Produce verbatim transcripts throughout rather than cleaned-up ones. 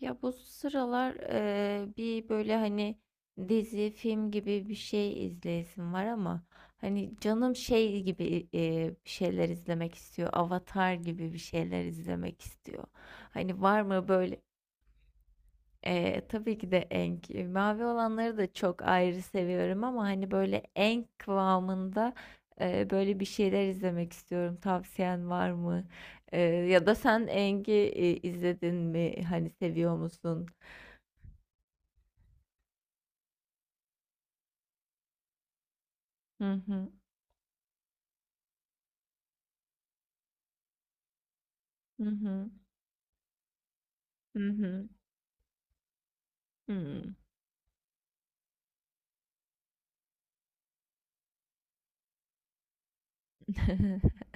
Ya bu sıralar eee, bir böyle hani dizi, film gibi bir şey izleyesim var ama hani canım şey gibi eee, bir şeyler izlemek istiyor. Avatar gibi bir şeyler izlemek istiyor. Hani var mı böyle eee, tabii ki de Enk. Mavi olanları da çok ayrı seviyorum ama hani böyle Enk kıvamında eee, böyle bir şeyler izlemek istiyorum. Tavsiyen var mı? Eee, ya da sen Enk'i e, izledin mi? Hani seviyor musun? Hı hı. Hı hı. Hı hı. Hımm.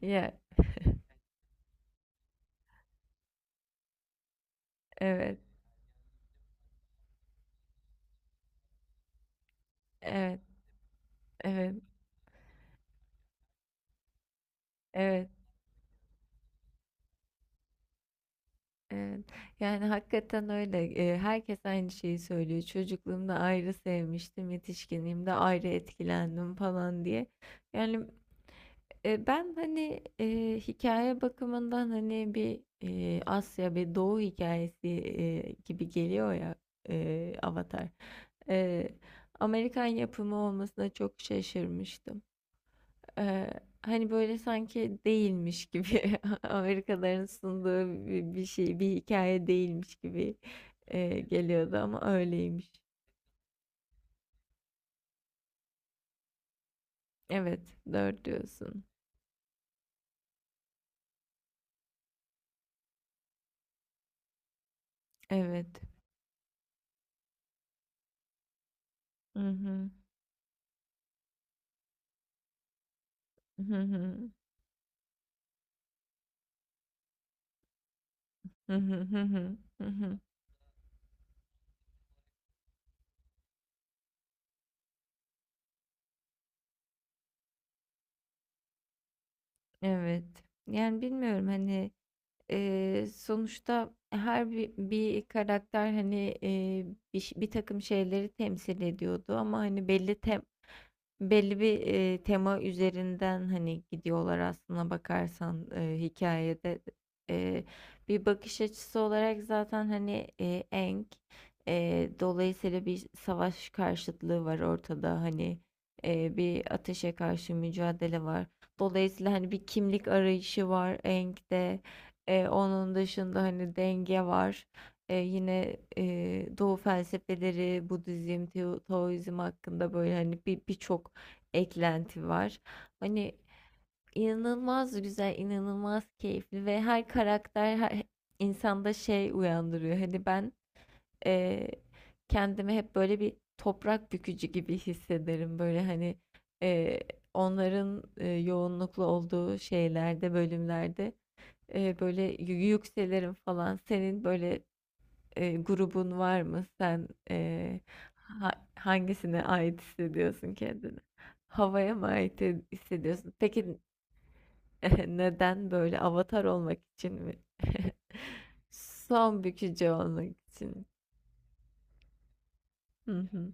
Ya, evet, evet, evet, evet, evet. Yani, hakikaten öyle. Eee, herkes aynı şeyi söylüyor. "Çocukluğumda ayrı sevmiştim, yetişkinliğimde ayrı etkilendim." falan diye. Yani, eee, ben, hani, eee, hikâye bakımından, hani, bir, eee, Asya bir Doğu hikayesi eee, gibi geliyor ya, eee, Avatar. Eee, Amerikan yapımı olmasına çok şaşırmıştım. Ee, Hani böyle sanki değilmiş gibi Amerikalıların sunduğu bir, bir şey, bir hikaye değilmiş gibi e, geliyordu ama öyleymiş. Evet, dört diyorsun. Evet. Hı hı. Hı hı. Hı hı hı hı. Hı hı. Evet. Yani bilmiyorum hani e, sonuçta her bir, bir karakter hani e, bir, ş- bir takım şeyleri temsil ediyordu ama hani belli tem. Belli bir, eee, tema üzerinden, hani, gidiyorlar aslına bakarsan, eee, hikâyede. Eee, Bir bakış açısı olarak zaten, hani, eee, Aang, eee, dolayısıyla bir savaş karşıtlığı var ortada, hani, eee, bir ateşe karşı mücadele var. Dolayısıyla, hani, bir kimlik arayışı var Aang'de. Eee, onun dışında, hani, denge var. Eee, yine, eee, Doğu felsefeleri, Budizm, Teo Taoizm hakkında, böyle, hani, bir birçok eklenti var. Hani inanılmaz güzel, inanılmaz keyifli ve her karakter her insanda şey uyandırıyor. Hani ben eee, kendimi hep böyle bir toprak bükücü gibi hissederim. Böyle hani eee, onların eee, yoğunluklu olduğu şeylerde, bölümlerde eee, böyle yü- yükselirim falan. Senin böyle eee, grubun var mı? Sen, eee, ha hangisine ait hissediyorsun kendini? Havaya mı ait he hissediyorsun? Peki, neden böyle avatar olmak için mi? Son bükücü olmak için. Hı hı.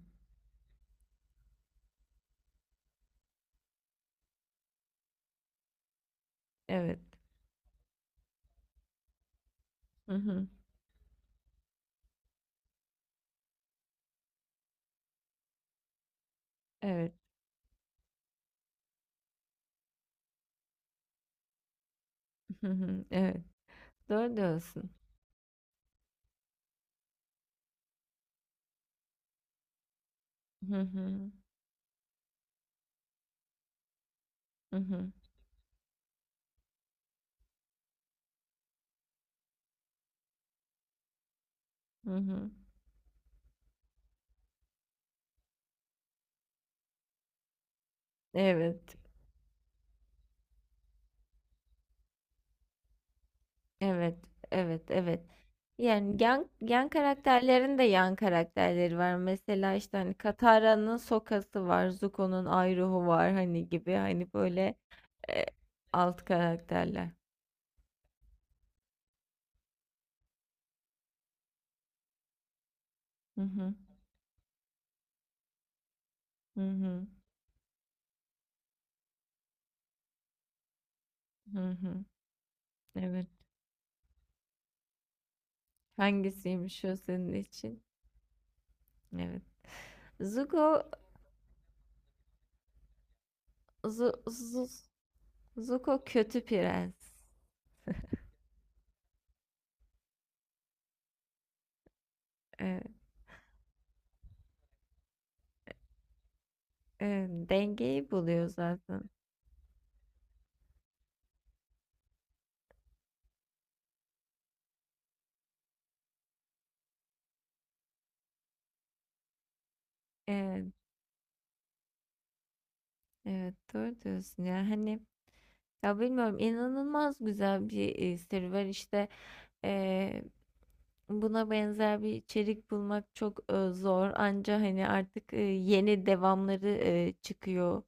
Evet. Hı hı. Evet. Hı hı. Evet. Doğru diyorsun. Hı hı. Hı hı. Hı hı. Evet. Evet, evet, evet. Yani yan, yan karakterlerin de yan karakterleri var. Mesela işte hani Katara'nın Soka'sı var, Zuko'nun Iroh'u var hani gibi hani böyle e, alt karakterler. Hı hı, hı hı, hı hı. Evet. Hangisiymiş o senin için? Evet. Zuko, Zu, Zu, Zuko kötü prens. Evet, evet. Dengeyi buluyor zaten. Evet, evet doğru diyorsun ya. Hani. Ya bilmiyorum inanılmaz güzel bir e, serüven işte, e, buna benzer bir içerik bulmak çok e, zor, anca hani artık e, yeni devamları e, çıkıyor.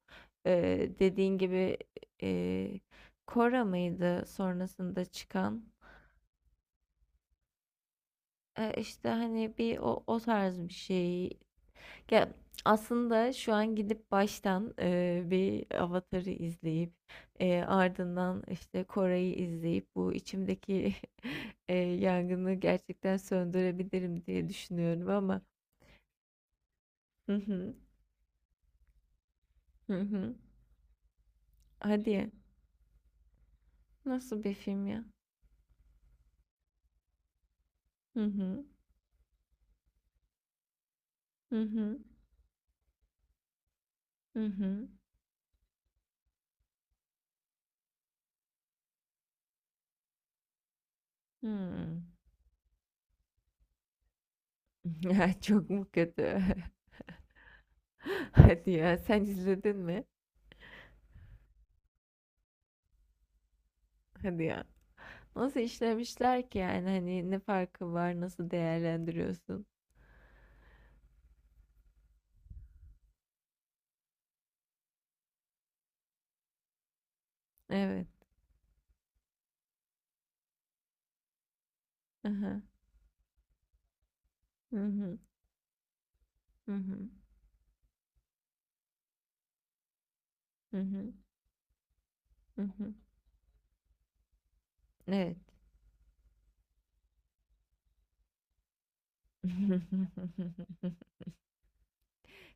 E, Dediğin gibi e, Cora mıydı sonrasında çıkan. E, işte hani bir o, o tarz bir şey. Ya aslında şu an gidip baştan eee, bir Avatar'ı izleyip eee, ardından işte Kore'yi izleyip bu içimdeki eee, yangını gerçekten söndürebilirim diye düşünüyorum ama. Hı hı hı hı. Hadi ya. Nasıl bir film ya? Hı hı hı hı hı hı. Hmm. Ya çok mu kötü? Hadi ya sen izledin mi? Hadi ya. Nasıl işlemişler ki yani hani ne farkı var, nasıl değerlendiriyorsun? Evet. Aha, hı. Hı hı. Hı hı. Hı hı. Hı hı. Evet.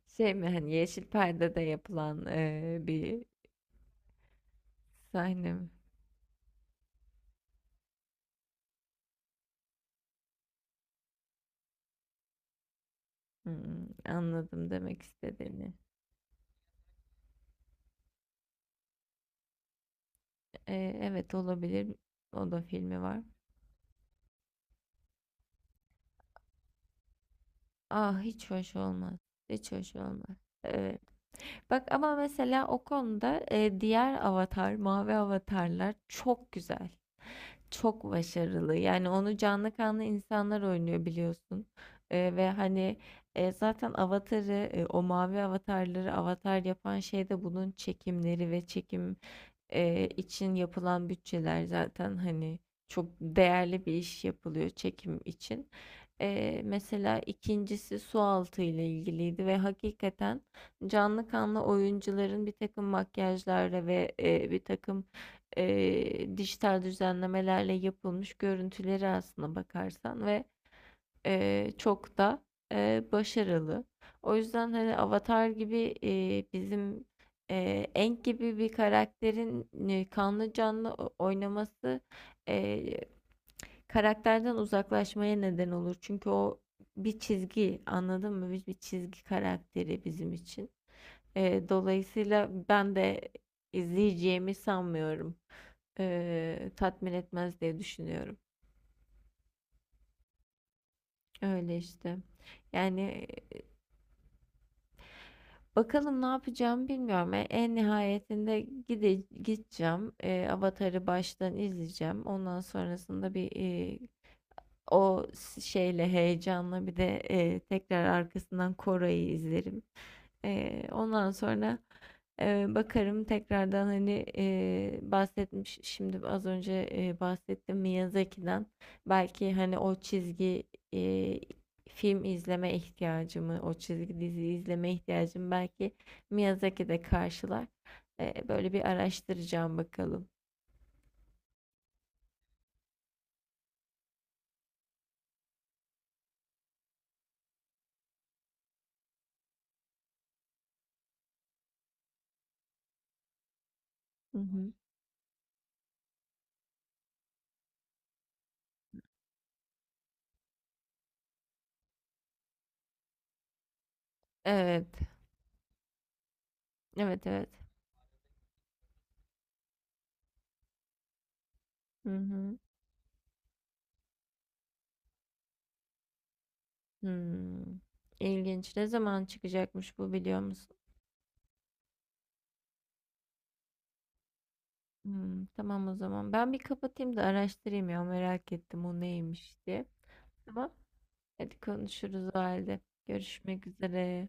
Şey mi hani yeşil perdede yapılan eee, bir sahne mi? Hmm, anladım demek istediğini. Eee, evet olabilir. O da filmi var. Ah hiç hoş olmaz. Hiç hoş olmaz. Evet. Bak ama mesela o konuda eee, diğer avatar, mavi avatarlar çok güzel. Çok başarılı. Yani onu canlı kanlı insanlar oynuyor biliyorsun. Eee, ve hani, eee, zaten Avatar'ı, eee, o mavi avatarları Avatar yapan şey de bunun çekimleri ve çekim, eee, için yapılan bütçeler zaten hani çok değerli bir iş yapılıyor çekim için. Eee, mesela ikincisi.'si sualtı ile ilgiliydi ve hakikaten canlı kanlı oyuncuların bir takım makyajlarla ve, e, bir takım eee, dijital düzenlemelerle yapılmış görüntüleri aslında bakarsan ve eee, çok da eee, başarılı. O yüzden hani Avatar gibi eee, bizim eee Aang gibi bir karakterin e, kanlı canlı o- oynaması eee, karakterden uzaklaşmaya neden olur. Çünkü o bir çizgi, anladın mı? Biz bir çizgi karakteri bizim için. Eee, dolayısıyla ben de izleyeceğimi sanmıyorum, eee, tatmin etmez diye düşünüyorum. Öyle işte. Yani. Bakalım ne yapacağım bilmiyorum. E, En nihayetinde gide gideceğim. E, Avatar'ı baştan izleyeceğim. Ondan sonrasında bir e, o şeyle heyecanla bir de e, tekrar arkasından Koray'ı izlerim. Ee, ondan sonra e, bakarım tekrardan hani e, bahsetmiş şimdi az önce e, bahsettim Miyazaki'den, belki hani o çizgi e, film izleme ihtiyacımı, o çizgi dizi izleme ihtiyacımı belki Miyazaki de karşılar. Ee, böyle bir araştıracağım bakalım. Hı hı. Evet. Evet evet. Hı hı. Hmm. İlginç. Ne zaman çıkacakmış bu, biliyor musun? Hmm, tamam o zaman. Ben bir kapatayım da araştırayım ya, merak ettim o neymiş diye. Tamam. Hadi konuşuruz o halde. Görüşmek üzere.